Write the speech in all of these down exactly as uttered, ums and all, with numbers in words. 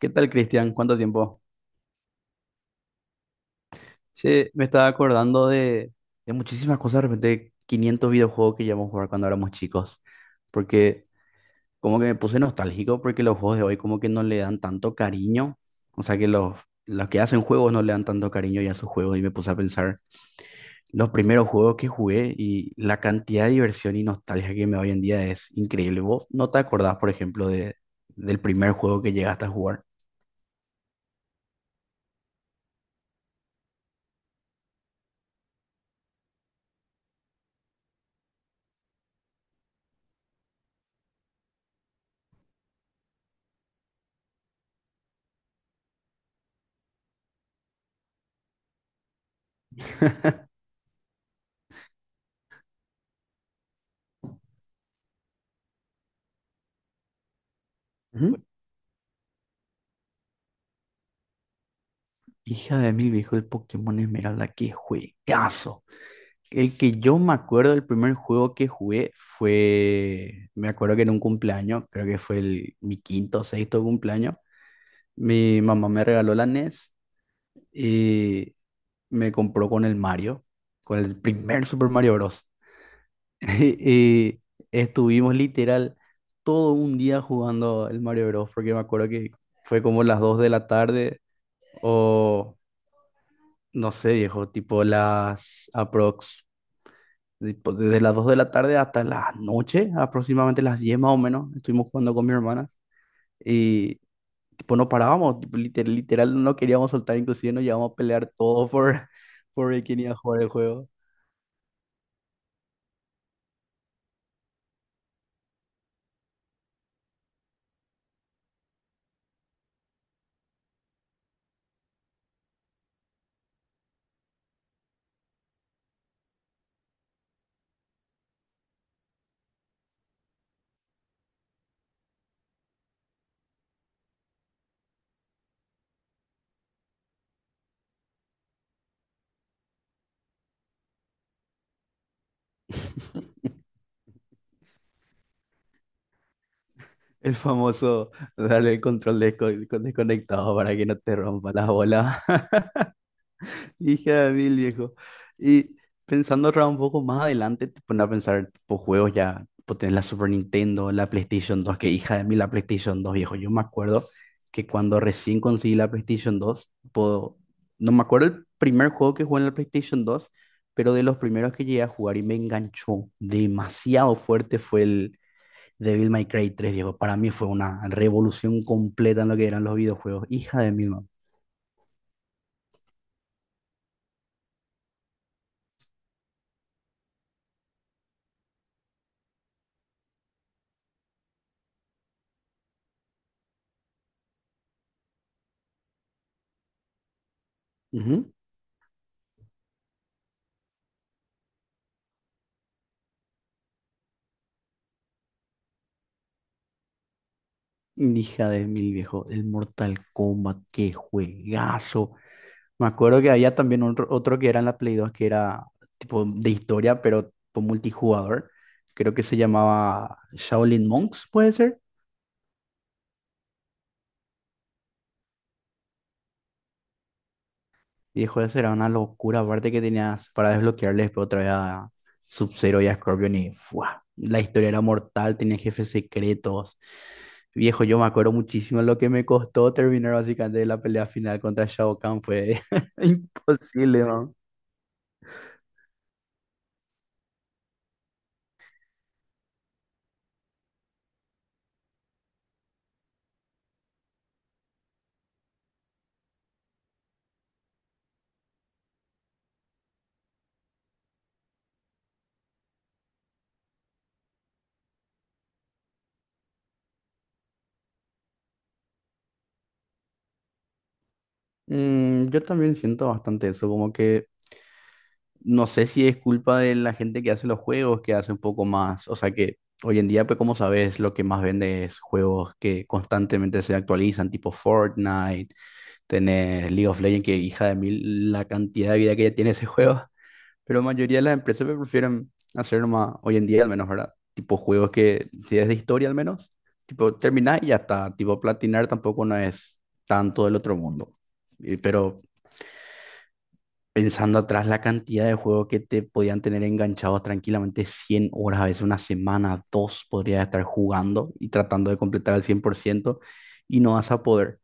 ¿Qué tal, Cristian? ¿Cuánto tiempo? Sí, me estaba acordando de, de muchísimas cosas, de repente quinientos videojuegos que llevamos a jugar cuando éramos chicos, porque como que me puse nostálgico porque los juegos de hoy como que no le dan tanto cariño, o sea que los, los que hacen juegos no le dan tanto cariño ya a sus juegos y me puse a pensar los primeros juegos que jugué, y la cantidad de diversión y nostalgia que me da hoy en día es increíble. ¿Vos no te acordás, por ejemplo, de, del primer juego que llegaste a jugar? Ujú. Hija de mil, viejo, el Pokémon Esmeralda, qué juegazo. El que yo me acuerdo, el primer juego que jugué fue, me acuerdo que en un cumpleaños, creo que fue el, mi quinto o sexto cumpleaños, mi mamá me regaló la N E S y me compró con el Mario, con el primer Super Mario Bros. Y estuvimos literal todo un día jugando el Mario Bros., porque me acuerdo que fue como las dos de la tarde o no sé, viejo, tipo las aprox, tipo desde las dos de la tarde hasta la noche, aproximadamente las diez más o menos, estuvimos jugando con mis hermanas y tipo no parábamos, tipo, liter- literal, no queríamos soltar, inclusive nos llevamos a pelear todo por, por ver quién iba a jugar el juego. El famoso darle el control desco- desconectado para que no te rompa las bolas. Hija de mil, viejo. Y pensando otra un poco más adelante, te pones a pensar, tipo, juegos ya, tipo, tenés la Super Nintendo, la PlayStation dos, que hija de mil la PlayStation dos, viejo. Yo me acuerdo que cuando recién conseguí la PlayStation dos, tipo, no me acuerdo el primer juego que jugué en la PlayStation dos, pero de los primeros que llegué a jugar y me enganchó demasiado fuerte fue el Devil May Cry tres, viejo. Para mí fue una revolución completa en lo que eran los videojuegos. Hija de mil, man. Hija de mil, viejo, el Mortal Kombat, qué juegazo. Me acuerdo que había también otro, otro que era en la Play dos, que era tipo de historia, pero tipo multijugador. Creo que se llamaba Shaolin Monks, puede ser. Viejo, esa era una locura. Aparte que tenías para desbloquearle después otra vez a Sub-Zero y a Scorpion, y ¡fua! La historia era mortal, tenía jefes secretos. Viejo, yo me acuerdo muchísimo lo que me costó terminar básicamente la pelea final contra Shao Kahn. Fue imposible, ¿no? Mm, yo también siento bastante eso, como que no sé si es culpa de la gente que hace los juegos, que hace un poco más, o sea que hoy en día, pues como sabes, lo que más vende es juegos que constantemente se actualizan, tipo Fortnite, tenés League of Legends, que hija de mil la cantidad de vida que ya tiene ese juego, pero la mayoría de las empresas pues prefieren hacer nomás, hoy en día al menos, ¿verdad? Tipo juegos que, si es de historia al menos, tipo terminar y ya está, tipo platinar tampoco no es tanto del otro mundo. Y, pero pensando atrás la cantidad de juegos que te podían tener enganchados tranquilamente cien horas, a veces una semana, dos, podrías estar jugando y tratando de completar al cien por ciento y no vas a poder.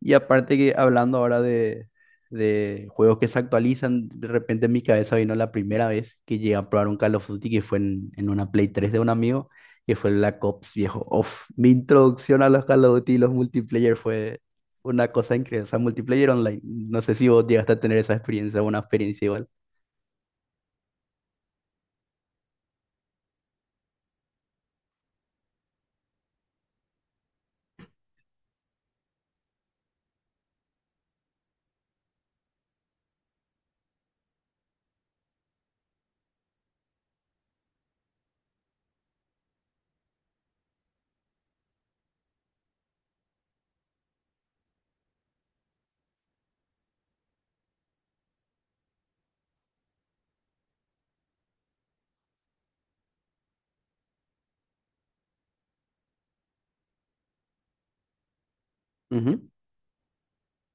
Y aparte que hablando ahora de, de juegos que se actualizan, de repente en mi cabeza vino la primera vez que llegué a probar un Call of Duty, que fue en, en una Play tres de un amigo, que fue el Black Ops, viejo. Uf, mi introducción a los Call of Duty y los multiplayer fue una cosa increíble. O sea, multiplayer online. No sé si vos llegaste a tener esa experiencia, una experiencia igual.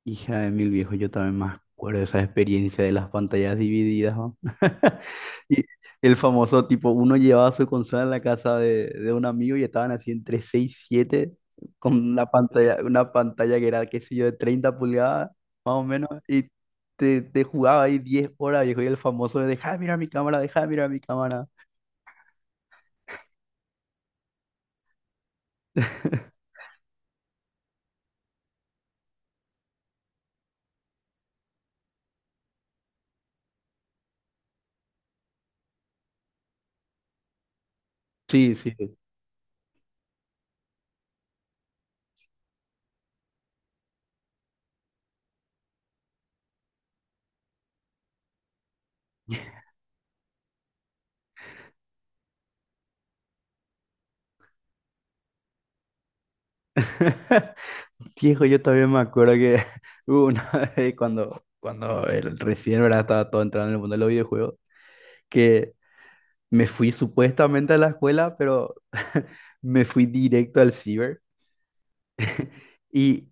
Hija de mil, viejos, yo también me acuerdo de esa experiencia de las pantallas divididas, ¿no? Y el famoso tipo, uno llevaba su consola a la casa de, de un amigo y estaban así entre seis y siete con una pantalla, una pantalla que era, qué sé yo, de treinta pulgadas, más o menos, y te, te jugaba ahí diez horas, viejo, y el famoso de, deja de mirar mi cámara, deja de mirar mi cámara. Sí, sí. Viejo, yo todavía me acuerdo que hubo una vez cuando, cuando el- recién, ¿verdad? Estaba todo entrando en el mundo de los videojuegos, que me fui supuestamente a la escuela, pero me fui directo al ciber, y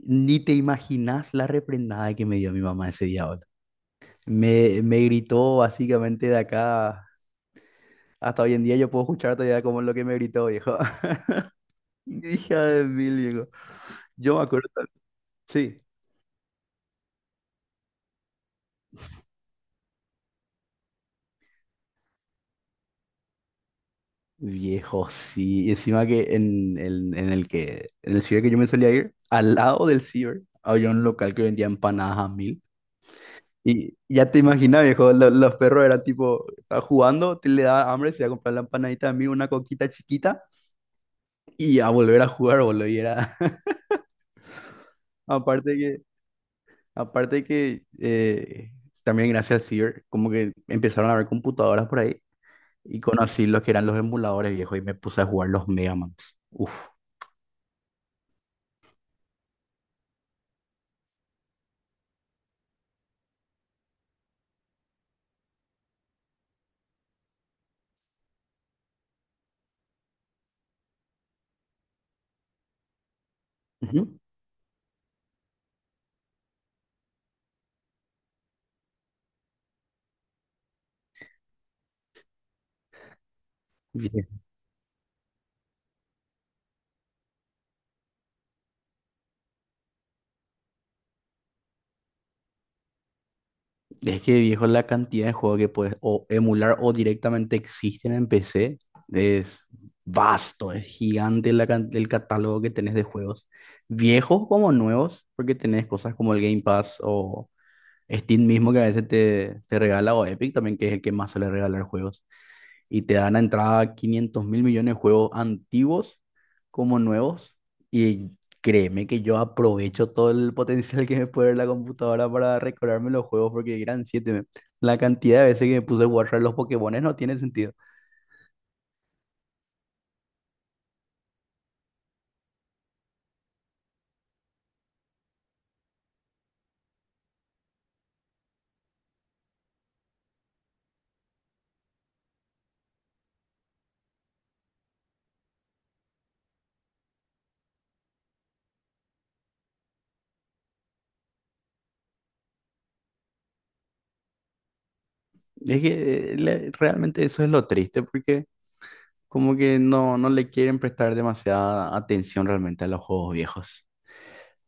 ni te imaginas la reprendada que me dio mi mamá ese día, boludo. Me, me gritó básicamente de acá, hasta hoy en día yo puedo escuchar todavía como lo que me gritó, viejo. Hija de mil, viejo. Yo me acuerdo, sí. Viejo, sí. Y encima que en, en, en el que, en el ciber que yo me solía ir, al lado del ciber, había un local que vendía empanadas a mil. Y ya te imaginas, viejo, lo- los perros eran tipo, estaba jugando, te le daba hambre, se iba a comprar la empanadita a mil, una coquita chiquita, y a volver a jugar, boludo. Y era, aparte que, aparte que, eh, también gracias al ciber, como que empezaron a haber computadoras por ahí, y conocí los que eran los emuladores, viejo, y me puse a jugar los Mega Man. Uf. Ujú. Es que, viejo, la cantidad de juegos que puedes o emular o directamente existen en P C es vasto, es gigante la can- el catálogo que tenés de juegos, viejos como nuevos, porque tenés cosas como el Game Pass o Steam mismo que a veces te, te regala, o Epic también, que es el que más suele regalar juegos, y te dan a entrada quinientos mil millones de juegos antiguos como nuevos. Y créeme que yo aprovecho todo el potencial que me puede dar la computadora para recordarme los juegos porque eran siete. Me- La cantidad de veces que me puse a guardar los Pokémones no tiene sentido. Es que eh, le- realmente eso es lo triste, porque como que no, no le quieren prestar demasiada atención realmente a los juegos viejos.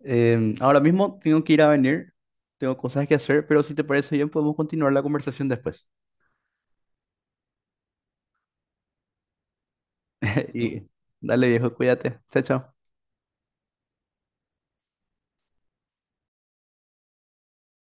Em, ahora mismo tengo que ir a venir, tengo cosas que hacer, pero si te parece bien podemos continuar la conversación después. Y dale, viejo, cuídate. Chao, chao.